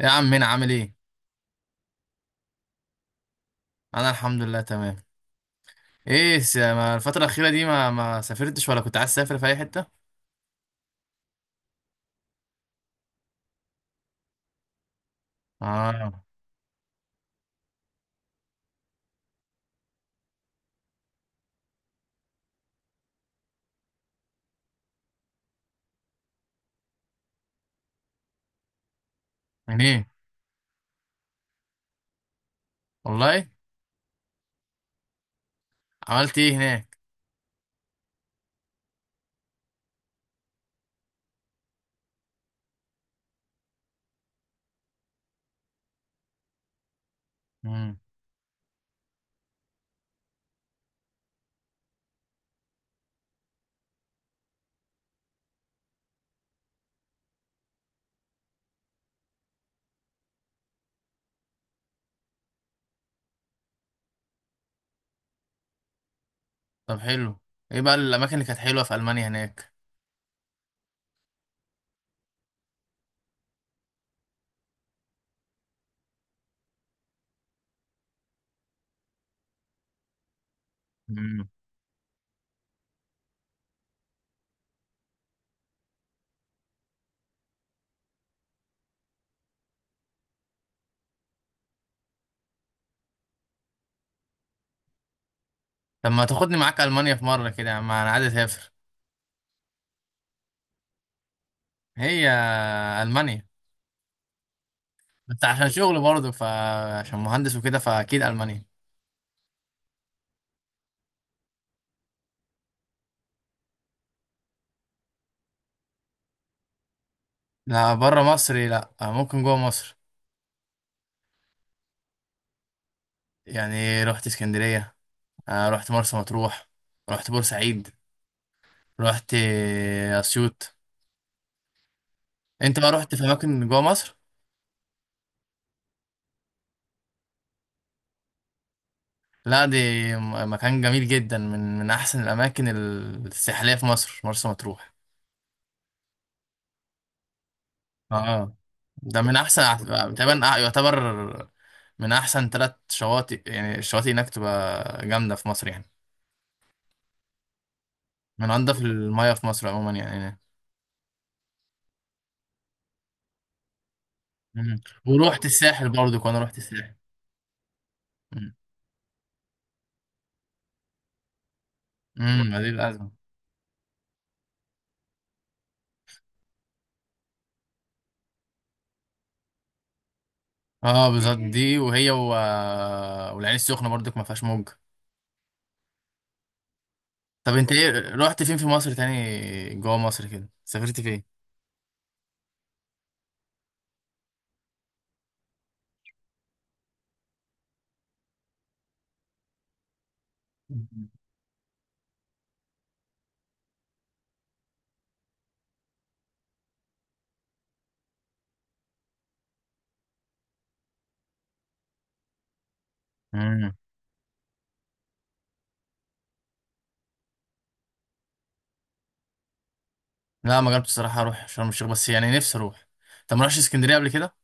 يا عم هنا عامل ايه؟ انا الحمد لله تمام. ايه ما الفتره الاخيره دي ما سافرتش ولا كنت عايز تسافر في اي حته؟ اه. منين؟ والله. عملت ايه هناك؟ امم. طب حلو. ايه بقى الاماكن اللي كانت حلوه في المانيا هناك؟ امم. طب ما تاخدني معاك المانيا في مره كده يا عم؟ انا عايز اسافر. هي. المانيا. بس عشان شغل برضه، فعشان مهندس وكده فاكيد المانيا. لا، بره مصر لا، ممكن جوه مصر. يعني رحت اسكندريه. رحت مرسى مطروح. رحت بورسعيد. رحت اسيوط. انت بقى رحت في اماكن جوه مصر؟ لا دي مكان جميل جدا، من احسن الاماكن الساحليه في مصر، مرسى مطروح. اه، ده من احسن، تقريبا يعتبر من احسن ثلاث شواطئ، يعني الشواطئ هناك تبقى جامده في مصر يعني. من انضف المياه في مصر عموما يعني هناك. مم. ورحت الساحل برضو، كنا رحت الساحل. مم. دي الازمه. اه بالظبط دي، وهي والعين السخنه برضك ما فيهاش موج. طب انت ايه، رحت فين في مصر تاني؟ جوه مصر كده سافرت فين؟ مم. لا، ما جربتش الصراحه اروح شرم الشيخ، بس يعني نفسي اروح. طب ما رحتش اسكندريه قبل كده؟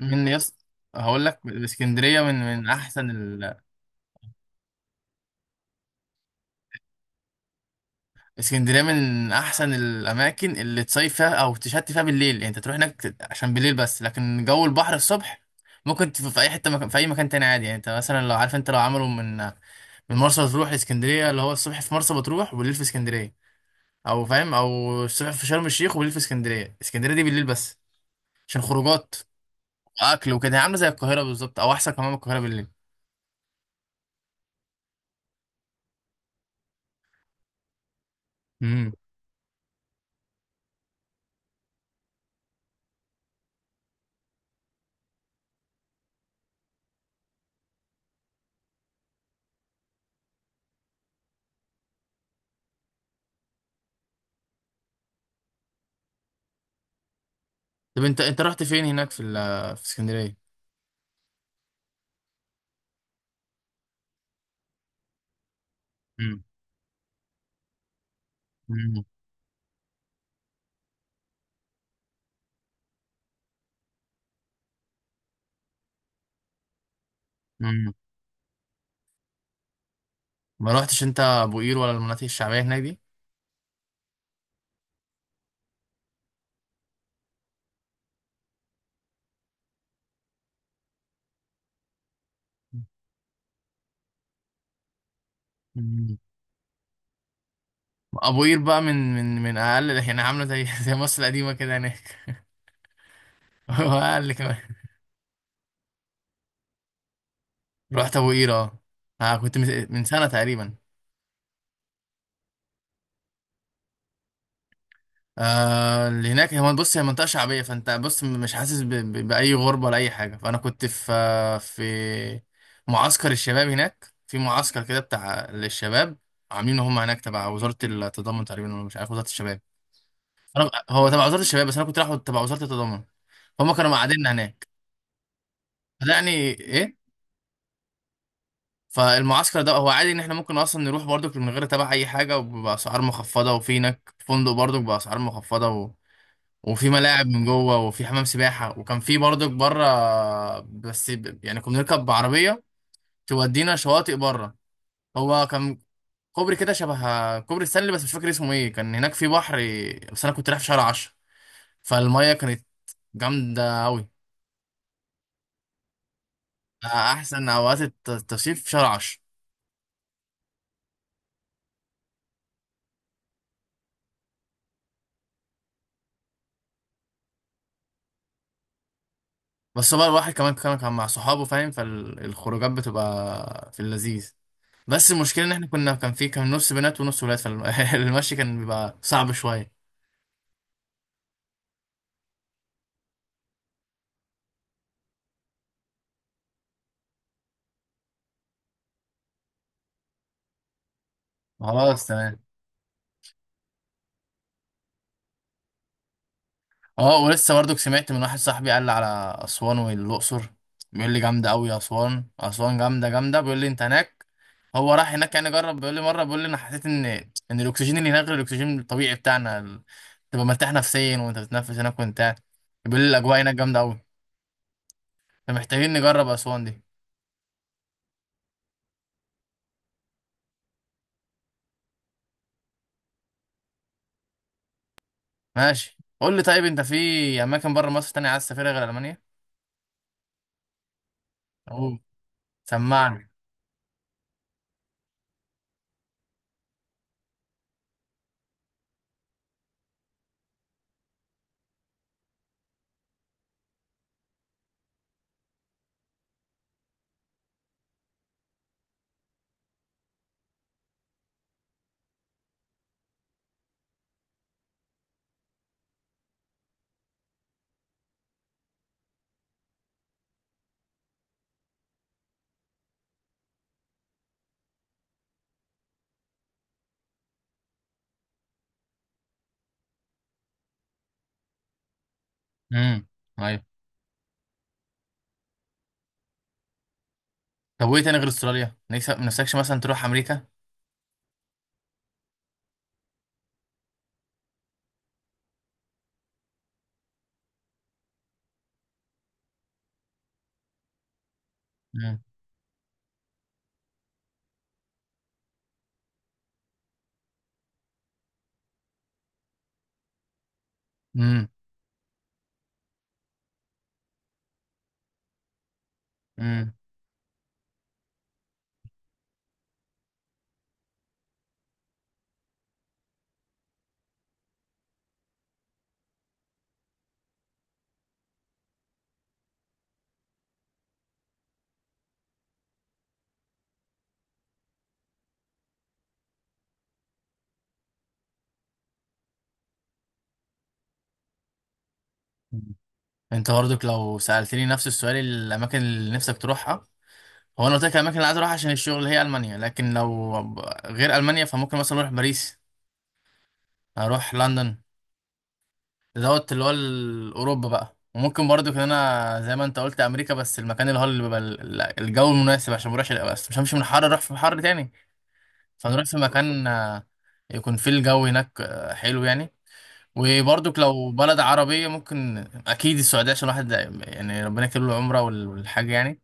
من يس هقول لك، اسكندريه من احسن اسكندريه من احسن الاماكن اللي تصيف فيها او تشتي فيها بالليل، يعني انت تروح هناك عشان بالليل بس، لكن جو البحر الصبح ممكن في اي حته، مكان في اي مكان تاني عادي، يعني انت مثلا لو عارف، انت لو عملوا من مرسى مطروح لاسكندريه، اللي هو الصبح في مرسى مطروح وبالليل في اسكندريه، او فاهم، او الصبح في شرم الشيخ وبالليل في اسكندريه. اسكندريه دي بالليل بس، عشان خروجات واكل وكده، هي عامله زي القاهره بالظبط، او احسن كمان من القاهره بالليل. امم طب انت رحت فين هناك في اسكندريه؟ امم، امم، امم. ما رحتش انت ابو قير ولا المناطق الشعبيه هناك دي؟ أمم. ابو قير بقى من اقل، يعني عامله زي زي مصر القديمه كده هناك. واقل كمان. رحت ابو قير، اه. كنت من سنه تقريبا. اللي هناك، هو بص هي منطقة شعبية، فانت بص مش حاسس بأي غربة ولا أي حاجة، فأنا كنت في معسكر الشباب هناك، في معسكر كده بتاع للشباب، عاملينه هم هناك تبع وزارة التضامن تقريبا، ولا مش عارف، وزارة الشباب. هو تبع وزارة الشباب، بس أنا كنت رايح تبع وزارة التضامن، هم كانوا مقعديننا هناك. فده يعني إيه. فالمعسكر ده هو عادي إن إحنا ممكن أصلا نروح برضك من غير تبع أي حاجة، وبأسعار مخفضة، وفي هناك فندق برضك بأسعار مخفضة، وفي ملاعب من جوه، وفي حمام سباحه، وكان في برضك بره. بس يعني كنا بنركب بعربيه تودينا شواطئ بره، هو كان كوبري كده شبه كوبري ستانلي، بس مش فاكر اسمه ايه، كان هناك في بحر. بس انا كنت رايح في شهر 10، فالميه كانت جامده قوي. احسن اوقات التصيف في شهر 10. بس هو بقى الواحد كمان كان مع صحابه فاهم، فالخروجات بتبقى في اللذيذ. بس المشكله ان احنا كان في نص بنات ونص ولاد، فالمشي كان بيبقى صعب شويه. خلاص تمام. اه، ولسه برضك سمعت من واحد صاحبي قال لي على اسوان والاقصر. بيقول لي جامده قوي، اسوان، اسوان جامده جامده، بيقول لي انت هناك، هو راح هناك يعني جرب، بيقول لي مره، بيقول لي انا حسيت ان الاكسجين اللي هناك غير الاكسجين الطبيعي بتاعنا تبقى مرتاح نفسيا وانت بتتنفس هناك وانت قاعد. بيقول لي الاجواء هناك جامده قوي. فمحتاجين نجرب اسوان دي. ماشي، قول لي طيب، انت في اماكن بره مصر تانية عايز تسافرها غير المانيا؟ اوه، سمعني. امم. ايوه. طب وايه تاني غير استراليا؟ نفسك، نفسكش مثلا تروح امريكا؟ امم. امم. انت برضك لو سألتني نفس السؤال، الأماكن اللي نفسك تروحها، هو أنا قلت لك الأماكن اللي عايز أروحها عشان الشغل هي ألمانيا، لكن لو غير ألمانيا فممكن مثلا أروح باريس، أروح لندن، دوت اللي هو أوروبا بقى، وممكن برضو كان أنا زي ما أنت قلت أمريكا، بس المكان اللي هو اللي بيبقى الجو المناسب، عشان مروحش، بس مش همشي من حر أروح في حر تاني. فنروح في مكان، يكون فيه الجو هناك حلو يعني. وبرضك لو بلد عربية ممكن، أكيد السعودية، عشان الواحد يعني ربنا يكتب له العمرة والحاج يعني،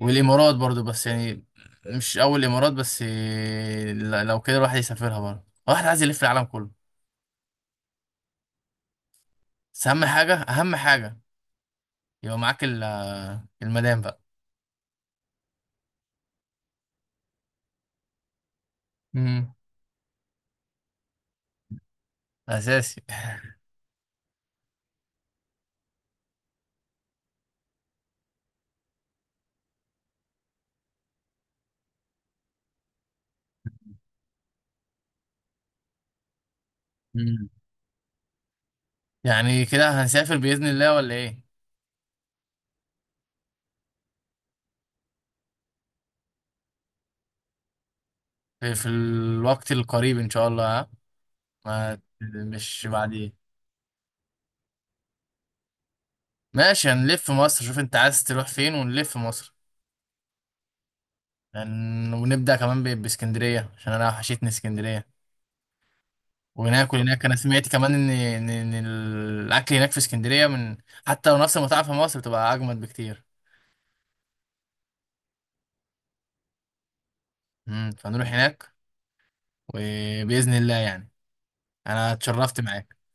والامارات برضو، بس يعني مش اول الامارات بس، إيه، لو كده الواحد يسافرها برضو، الواحد عايز يلف العالم كله. بس اهم حاجه، اهم حاجه يبقى معاك المدام بقى. امم. اساسي. مم. يعني كده هنسافر باذن الله ولا ايه؟ في الوقت القريب ان شاء الله، ها ما مش بعدين. ماشي، هنلف مصر، شوف انت عايز تروح فين ونلف مصر. ونبدا كمان باسكندريه عشان انا وحشتني اسكندريه، وناكل هناك. انا سمعت كمان ان ان إن الاكل هناك في اسكندريه من، حتى لو نفس المطاعم في مصر، بتبقى اجمد بكتير. فنروح هناك، وباذن الله يعني. انا اتشرفت معاك.